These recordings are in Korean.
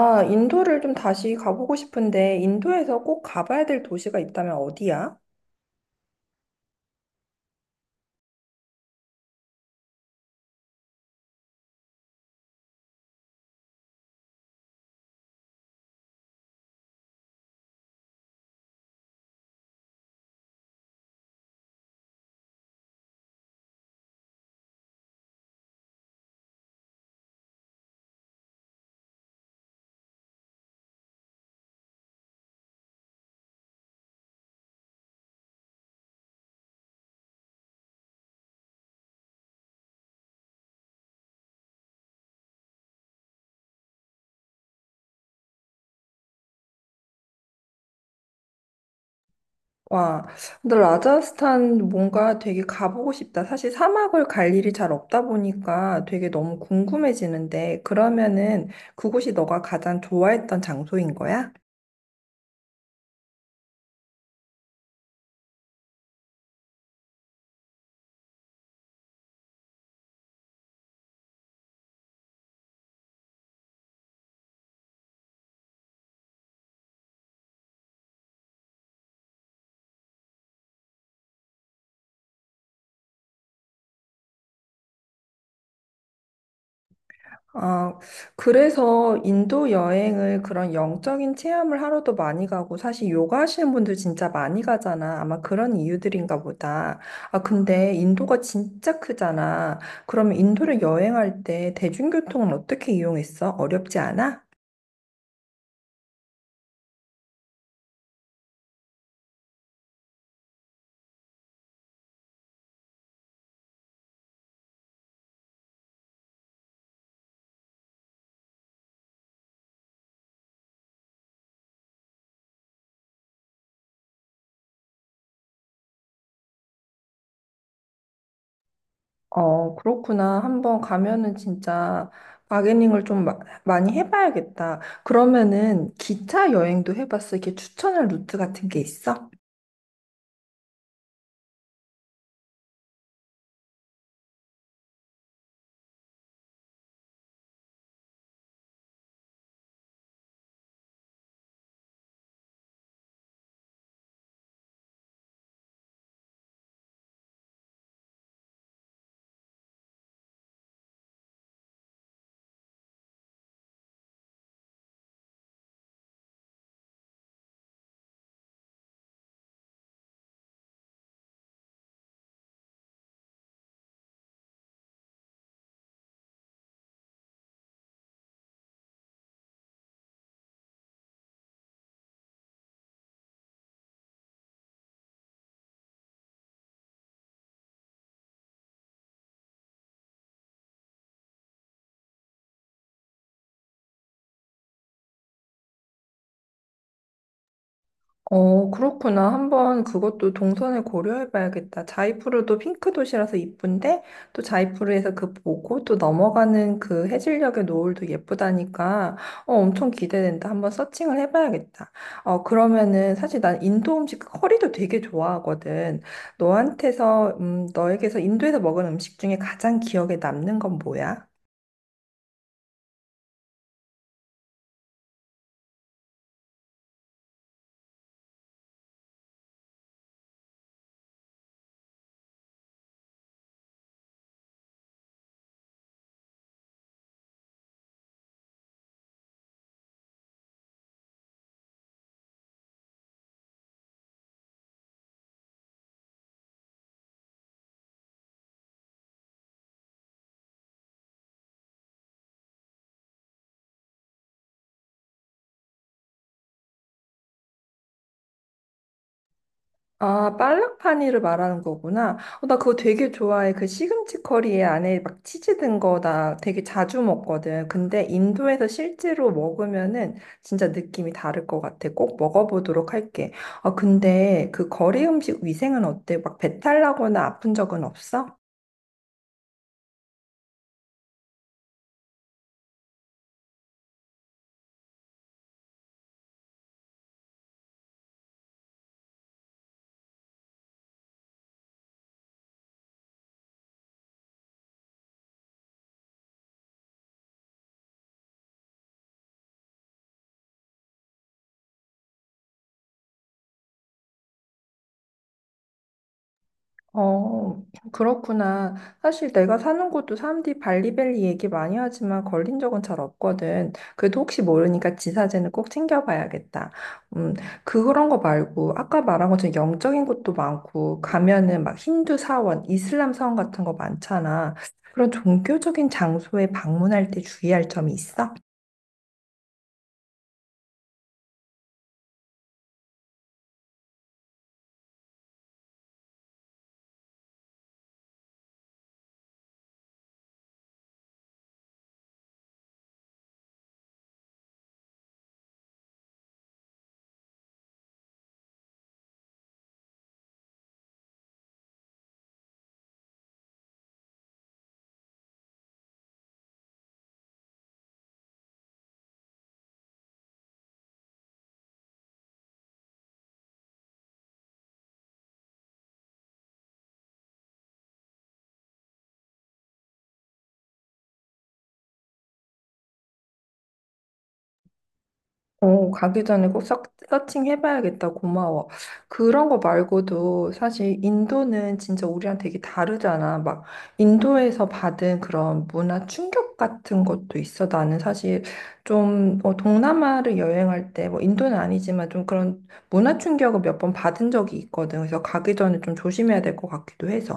아, 인도를 좀 다시 가보고 싶은데, 인도에서 꼭 가봐야 될 도시가 있다면 어디야? 와, 근데 라자스탄 뭔가 되게 가보고 싶다. 사실 사막을 갈 일이 잘 없다 보니까 되게 너무 궁금해지는데, 그러면은 그곳이 너가 가장 좋아했던 장소인 거야? 아, 그래서 인도 여행을 그런 영적인 체험을 하러도 많이 가고, 사실 요가 하시는 분들 진짜 많이 가잖아. 아마 그런 이유들인가 보다. 아, 근데 인도가 진짜 크잖아. 그러면 인도를 여행할 때 대중교통은 어떻게 이용했어? 어렵지 않아? 어, 그렇구나. 한번 가면은 진짜 바게닝을 좀 마- 많이 해봐야겠다. 그러면은 기차 여행도 해봤어? 이렇게 추천할 루트 같은 게 있어? 어, 그렇구나. 한번 그것도 동선을 고려해 봐야겠다. 자이프루도 핑크 도시라서 이쁜데, 또 자이프루에서 그 보고 또 넘어가는 그 해질녘의 노을도 예쁘다니까, 어, 엄청 기대된다. 한번 서칭을 해 봐야겠다. 어, 그러면은 사실 난 인도 음식 그 커리도 되게 좋아하거든. 너에게서 인도에서 먹은 음식 중에 가장 기억에 남는 건 뭐야? 아, 빨락파니를 말하는 거구나. 어, 나 그거 되게 좋아해. 그 시금치 커리에 안에 막 치즈 든 거 나 되게 자주 먹거든. 근데 인도에서 실제로 먹으면은 진짜 느낌이 다를 것 같아. 꼭 먹어보도록 할게. 아, 근데 그 거리 음식 위생은 어때? 막 배탈 나거나 아픈 적은 없어? 어, 그렇구나. 사실 내가 사는 곳도 사람들이 발리밸리 얘기 많이 하지만 걸린 적은 잘 없거든. 그래도 혹시 모르니까 지사제는 꼭 챙겨봐야겠다. 음, 그런 거 말고 아까 말한 것처럼 영적인 곳도 많고 가면은 막 힌두 사원, 이슬람 사원 같은 거 많잖아. 그런 종교적인 장소에 방문할 때 주의할 점이 있어? 어, 가기 전에 꼭 서칭해봐야겠다. 고마워. 그런 거 말고도 사실 인도는 진짜 우리랑 되게 다르잖아. 막 인도에서 받은 그런 문화 충격 같은 것도 있어. 나는 사실 좀 어, 동남아를 여행할 때 뭐 인도는 아니지만 좀 그런 문화 충격을 몇 번 받은 적이 있거든. 그래서 가기 전에 좀 조심해야 될 것 같기도 해서.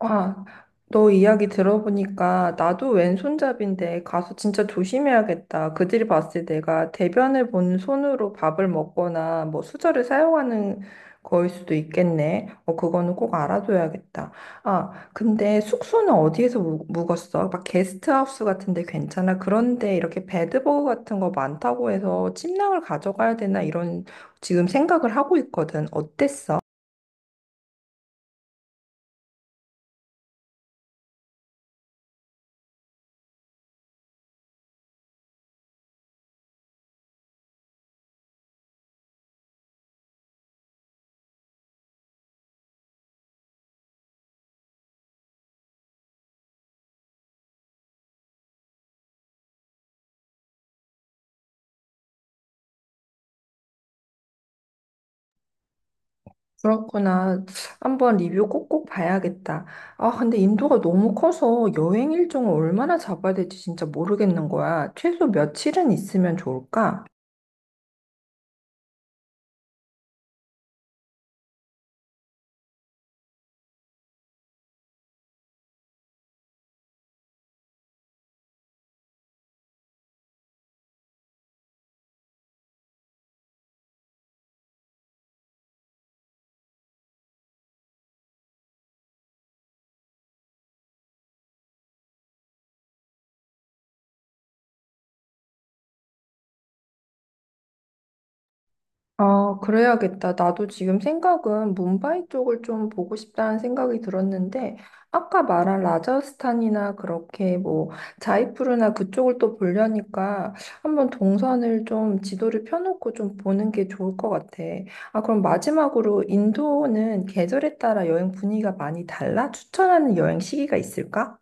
와, 너 이야기 들어보니까 나도 왼손잡인데 가서 진짜 조심해야겠다. 그들이 봤을 때 내가 대변을 본 손으로 밥을 먹거나 뭐 수저를 사용하는 거일 수도 있겠네. 어, 그거는 꼭 알아둬야겠다. 아, 근데 숙소는 묵었어? 막 게스트하우스 같은데 괜찮아? 그런데 이렇게 베드버그 같은 거 많다고 해서 침낭을 가져가야 되나 이런 지금 생각을 하고 있거든. 어땠어? 그렇구나. 한번 리뷰 꼭꼭 봐야겠다. 아, 근데 인도가 너무 커서 여행 일정을 얼마나 잡아야 될지 진짜 모르겠는 거야. 최소 며칠은 있으면 좋을까? 아, 그래야겠다. 나도 지금 생각은 뭄바이 쪽을 좀 보고 싶다는 생각이 들었는데, 아까 말한 라자스탄이나 그렇게 뭐 자이푸르나 그쪽을 또 보려니까 한번 동선을 좀 지도를 펴놓고 좀 보는 게 좋을 것 같아. 아, 그럼 마지막으로 인도는 계절에 따라 여행 분위기가 많이 달라? 추천하는 여행 시기가 있을까?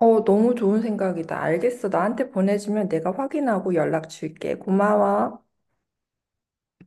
어, 너무 좋은 생각이다. 알겠어. 나한테 보내주면 내가 확인하고 연락 줄게. 고마워.